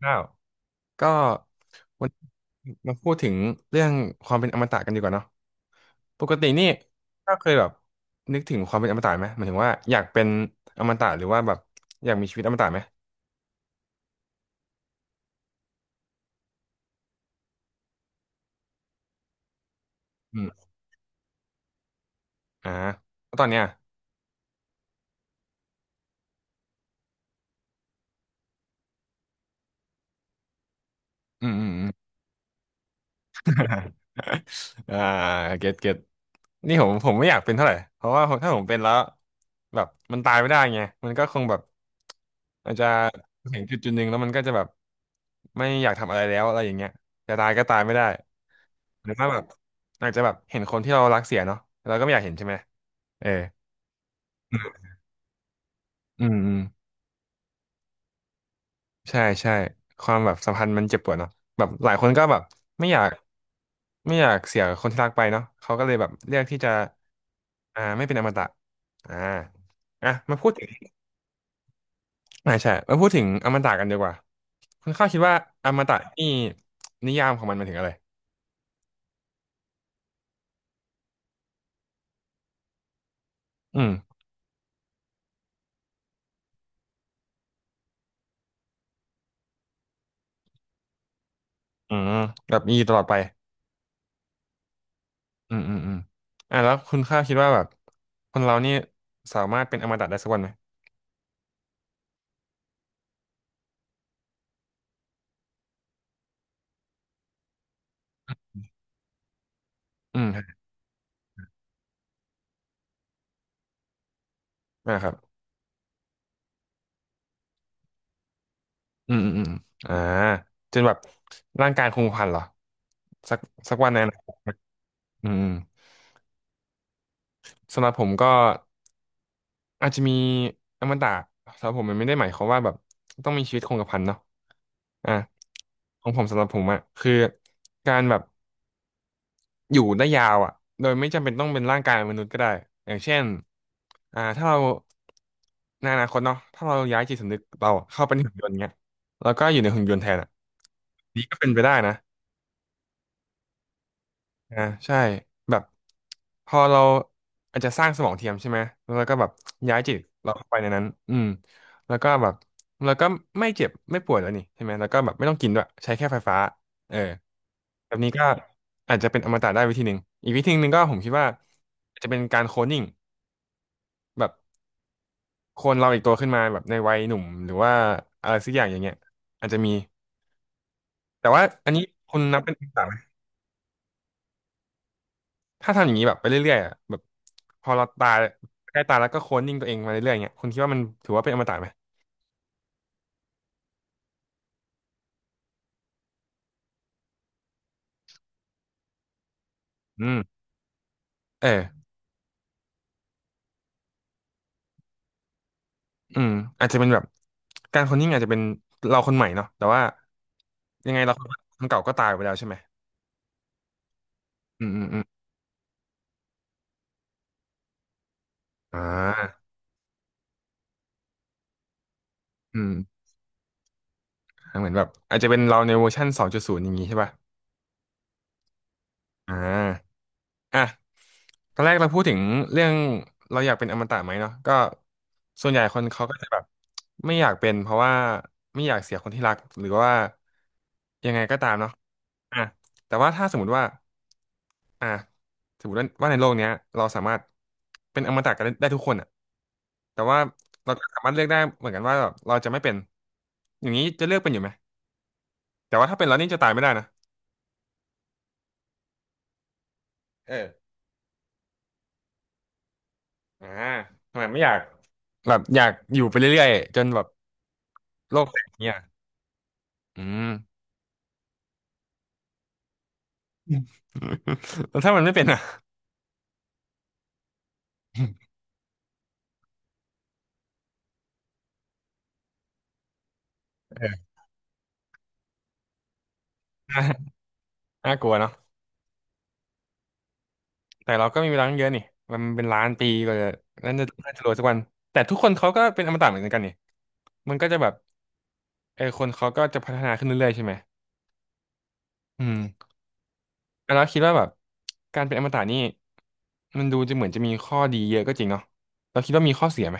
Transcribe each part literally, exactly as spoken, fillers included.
ข้าวก็วันนี้มาพูดถึงเรื่องความเป็นอมตะกันดีกว่าเนาะปกตินี่ก็เคยแบบนึกถึงความเป็นอมตะไหมหมายถึงว่าอยากเป็นอมตะหรือว่าแบบอยากมีชีวิตอมตะไหมอืมอ่าแล้วตอนเนี้ยอืมอืมอืม อ่าเก็ตเก็ตนี่ผมผมไม่อยากเป็นเท่าไหร่เพราะว่าผมถ้าผมเป็นแล้วแบบมันตายไม่ได้ไงมันก็คงแบบอาจจะถึงจุดจุดหนึ่งแล้วมันก็จะแบบไม่อยากทำอะไรแล้วอะไรอย่างเงี้ยจะตายก็ตายไม่ได้หรือว่าแบบอาจจะแบบเห็นคนที่เรารักเสียเนาะเราก็ไม่อยากเห็นใช่ไหมเอออืมอืม ใช่ใช่ความแบบสัมพันธ์มันเจ็บปวดเนาะแบบหลายคนก็แบบไม่อยากไม่อยากเสียคนที่รักไปเนาะเขาก็เลยแบบเลือกที่จะอ่าไม่เป็นอมตะอ่าอ่ะมาพูดถึงอ่าใช่มาพูดถึงอมตะกันดีกว่าคุณข้าวคิดว่าอมตะนี่นิยามของมันหมายถึงอะไรอืมอืมแบบมีอยู่ตลอดไปอืมอืมอืมอ่ะแล้วคุณข้าวคิดว่าแบบคนเรานี่สามารถเป็นอมตะได้สักวันไหมอืมอ่าครับ อืมอืมอืมอ่าจนแบบร่างกายคงพันเหรอสักสักวันในอนาคตอืมอืมสำหรับผมก็อาจจะมีอมตะสำหรับผมมันไม่ได้หมายความว่าแบบต้องมีชีวิตคงกระพันเนาะอ่ะของผมสำหรับผมอะคือการแบบอยู่ได้ยาวอะโดยไม่จำเป็นต้องเป็นร่างกายมนุษย์ก็ได้อย่างเช่นอ่าถ้าเราในอนาคตเนาะถ้าเราย้ายจิตสำนึกเราเข้าเปในหุ่นยนต์เงี้ยแล้วก็อยู่ในหุ่นยนต์แทนอะนี่ก็เป็นไปได้นะ อ่าใช่แบบพอเราอาจจะสร้างสมองเทียมใช่ไหมแล้วเราก็แบบย้ายจิตเราเข้าไปในนั้นอืมแล้วก็แบบแล้วก็ไม่เจ็บไม่ป่วยแล้วนี่ใช่ไหมแล้วก็แบบไม่ต้องกินด้วยใช้แค่ไฟฟ้าเออแบบนี้ก็อาจจะเป็นอมตะได้วิธีหนึ่งอีกวิธีหนึ่งก็ผมคิดว่าอาจจะเป็นการโคลนนิ่งแบบโคลนเราอีกตัวขึ้นมาแบบในวัยหนุ่มหรือว่าอะไรสักอย่างอย่างเงี้ยอาจจะมีแต่ว่าอันนี้คุณนับเป็นอมตะไหม ถ้าทำอย่างนี้แบบไปเรื่อยๆอะแบบพอเราตายใกล้ตายแล้วก็โคลนนิ่งตัวเองมาเรื่อยๆเงี้ยคุณคิดว่ามันถือว่าเป็นอมตะไหมอืมเอออืมอาจจะเป็นแบบการโคลนนิ่งอาจจะเป็นเราคนใหม่เนาะแต่ว่ายังไงเราคนคนเก่าก็ตายไปแล้วใช่ไหมอืมอืมอืมอ่าอืมเหมือนแบบอาจจะเป็นเราในเวอร์ชันสองจุดศูนย์อย่างนี้ใช่ป่ะอ่าอ่ะ ตอนแรกเราพูดถึงเรื่องเราอยากเป็นอมตะไหมเนาะก็ส่วนใหญ่คนเขาก็จะแบบไม่อยากเป็นเพราะว่าไม่อยากเสียคนที่รักหรือว่ายังไงก็ตามเนาะอ่ะแต่ว่าถ้าสมมติว่าอ่ะสมมติว่าว่าในโลกเนี้ยเราสามารถเป็นอมตะกันได้ได้ทุกคนอ่ะแต่ว่าเราก็สามารถเลือกได้เหมือนกันว่าแบบเราจะไม่เป็นอย่างนี้จะเลือกเป็นอยู่ไหมแต่ว่าถ้าเป็นแล้วนี่จะตายไม่ได้นะเอออ่าทำไมไม่อยากแบบอยากอยู่ไปเรื่อยๆจนแบบโลกแตกเนี่ย อืม แล้วถ้ามันไม่เป็นอ่ะ เออน่าน่ากลัวเนาะแต่เราก็มีเวลาตั้งเยอะนี่มันเป็นล้านปีกว่าจะนั่นจะน่าจะรวยสักวันแต่ทุกคนเขาก็เป็นอมตะเหมือนกันนี่มันก็จะแบบเออคนเขาก็จะพัฒนาขึ้นเรื่อยๆใช่ไหมอืมแล้วคิดว่าแบบการเป็นอมตะนี่มันดูจะเหมือนจะมีข้อดีเยอะก็จริงเนาะเราคิดว่ามีข้อเสียไหม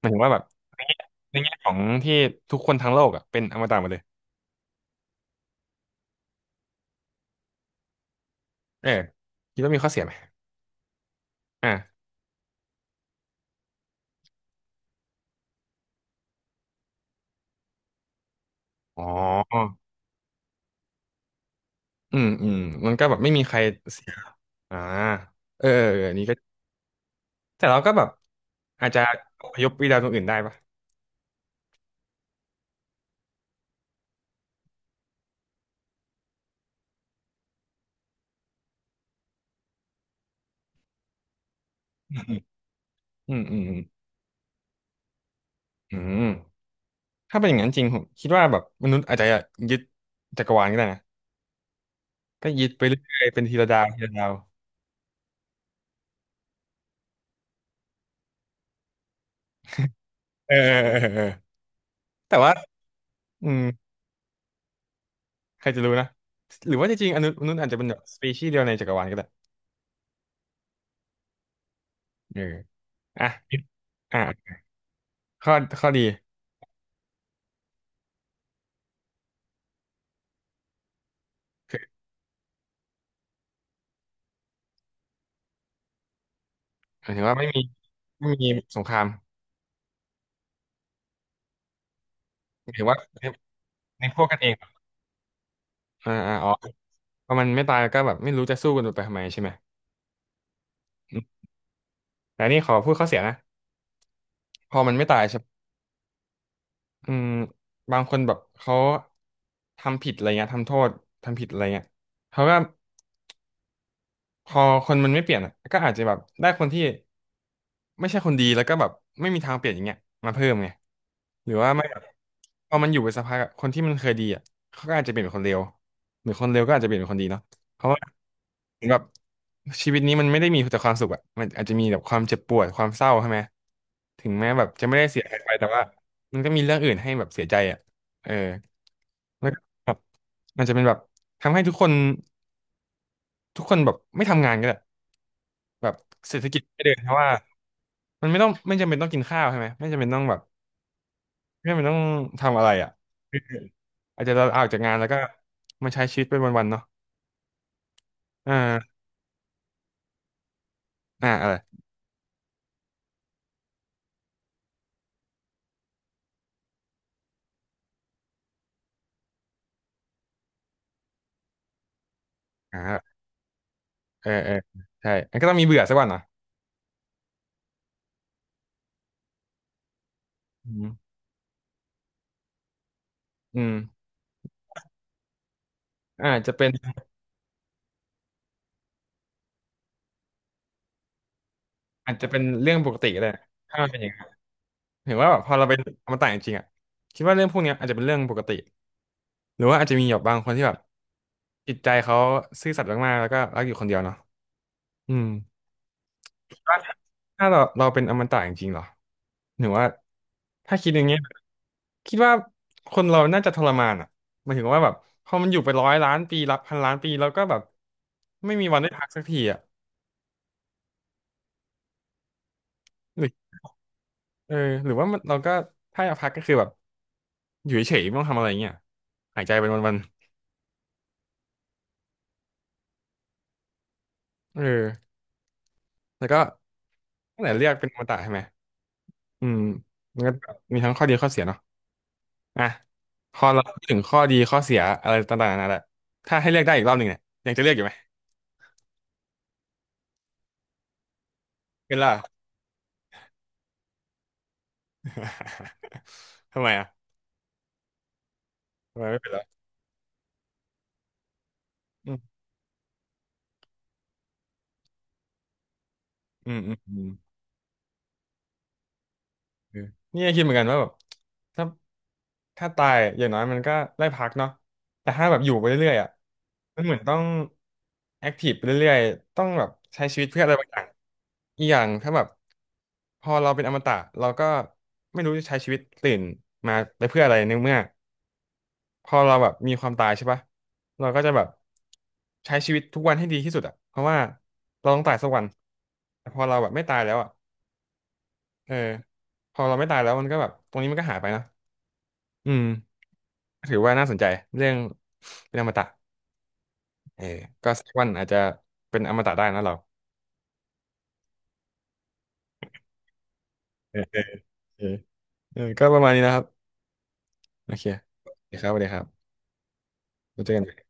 หมายถึงว่าแบบในแง่ในแง่ของที่ทุกคนทั้งโลกอ่ะเป็นอมตะหมดเลยเออคิดว่ามีข้อเสียไหมอ่ะอ๋อ อืมอืมมันก็แบบไม่มีใครเสียอ่าเออเอออันนี้ก็แต่เราก็แบบอาจจะอพยพไปดาวดวงอื่นได้ปะอืมอืมอืมอืมถ้าเป็นอย่างนั้นจริงผมคิดว่าแบบมนุษย์อาจจะยึดจักรวาลก็ได้นะก็ยึดไปเรื่อยๆเป็นทีละดาวทีละดาวเออเออเออเออแต่ว่าอืมใครจะรู้นะหรือว่าจริงๆอนุมนุษย์อาจจะเป็นแบบสปีชีส์เดียวในจักรวาลก็ได้เอออ่ะอ่ะข้อข้อดีคือหมายถึงว่าไม่มีไม่มีสงครามหมายถึงว่าในพวกกันเอง อ่าอ่าอ๋อพอมันไม่ตายก็แบบไม่รู้จะสู้กันไปทำไมใช่ไหมอืมแต่นี่ขอพูดข้อเสียนะพอมันไม่ตายใช่ปะอืมบางคนแบบเขาทำผิดอะไรเงี้ยทำโทษทำผิดอะไรเงี้ยเขาก็พอคนมันไม่เปลี่ยนอะก็อาจจะแบบได้คนที่ไม่ใช่คนดีแล้วก็แบบไม่มีทางเปลี่ยนอย่างเงี้ยมาเพิ่มไงหรือว่าไม่แบบพอมันอยู่ไปสักพักอะคนที่มันเคยดีอ่ะเขาก็อาจจะเปลี่ยนเป็นคนเลวหรือคนเลวก็อาจจะเปลี่ยนเป็นคนดีเนาะเพราะว่า แบบชีวิตนี้มันไม่ได้มีแต่ความสุขอะมันอาจจะมีแบบความเจ็บปวดความเศร้าใช่ไหมถึงแม้แบบจะไม่ได้เสียหายไปแต่ว่ามันก็มีเรื่องอื่นให้แบบเสียใจอะเออแล้วก็แบบมันจะเป็นแบบทำให้ทุกคนทุกคนแบบไม่ทำงานก็ได้แบบเศรษฐกิจไม่เดินเพราะว่ามันไม่ต้องไม่จำเป็นต้องกินข้าวใช่ไหมไม่จำเป็นต้องแบบไม่จำเป็นต้องทำอะไรอะอาจจะเราออกจากงานแล้วก็มาใช้ชีวิตเป็นวันๆเนาะอ่าอ่าอะไรอ่าเออเออใช่มันก็ต้องมีเบื่อสักวันนะอืมอืม อาจจะเป็นอาจจะเป็นเรื่องปกติก็ได้ถ้ามันเป็นอย่างนั้นเห็นว่าแบบพอเราไปเอามาต่างจริงๆอ่ะคิดว่าเรื่องพวกเนี้ยอาจจะเป็นเรื่องปกติหรือว่าอาจจะมีแบบบางคนที่แบบจิตใจเขาซื่อสัตย์มากๆแล้วก็รักอยู่คนเดียวเนาะอืมคิดว่าถ้าเราเราเป็นอมตะจริงๆเหรอหรือว่าถ้าคิดอย่างเงี้ยคิดว่าคนเราน่าจะทรมานอ่ะหมายถึงว่าแบบพอมันอยู่ไปร้อยล้านปีรับพันล้านปีแล้วก็แบบไม่มีวันได้พักสักทีอ่ะหรือเออหรือว่ามันเราก็ถ้าอยากพักก็คือแบบ อยู่เฉยๆไม่ต้องทำอะไรเงี้ยหายใจเป็นวันๆเออแล้วก็ตั้งแต่เลือกเป็นอมตะใช่ไหมอืมมันก็มีทั้งข้อดีข้อเสียเนาะอ่ะพอเราพูดถึงข้อดีข้อเสียอะไรต่างๆนานาแหละถ้าให้เลือกได้อีกรอบหนึ่งเนี่ยยังจะเลือกอยู่ไหมเป็นล่ะ ทำไมอ่ะทำไมไม่เป็นล่ะอืมอืมอืมอืม เออเนี่กคิดเหมือนกันว่าแบบถ้าถ้าตายอย่างน้อยมันก็ได้พักเนาะแต่ถ้าแบบอยู่ไปเรื่อยๆอ่ะมันเหมือนต้องแอคทีฟไปเรื่อยๆต้องแบบใช้ชีวิตเพื่ออะไรบางอย่างอีกอย่างถ้าแบบพอเราเป็นอมตะเราก็ไม่รู้จะใช้ชีวิตตื่นมาไปเพื่ออะไรในเมื่อพอเราแบบมีความตายใช่ปะเราก็จะแบบใช้ชีวิตทุกวันให้ดีที่สุดอ่ะเพราะว่าเราต้องตายสักวันแต่พอเราแบบไม่ตายแล้วอ่ะ เออพอเราไม่ตายแล้วมันก็แบบตรงนี้มันก็หายไปนะอืมถือว่าน่าสนใจเรื่องเป็นอมตะเออก็สักวันอาจจะเป็นอมตะได้นะเราเออเออเออเออก็ประมาณนี้นะครับโอเคโอเคครับสวัสดีครับแล้วเจอกัน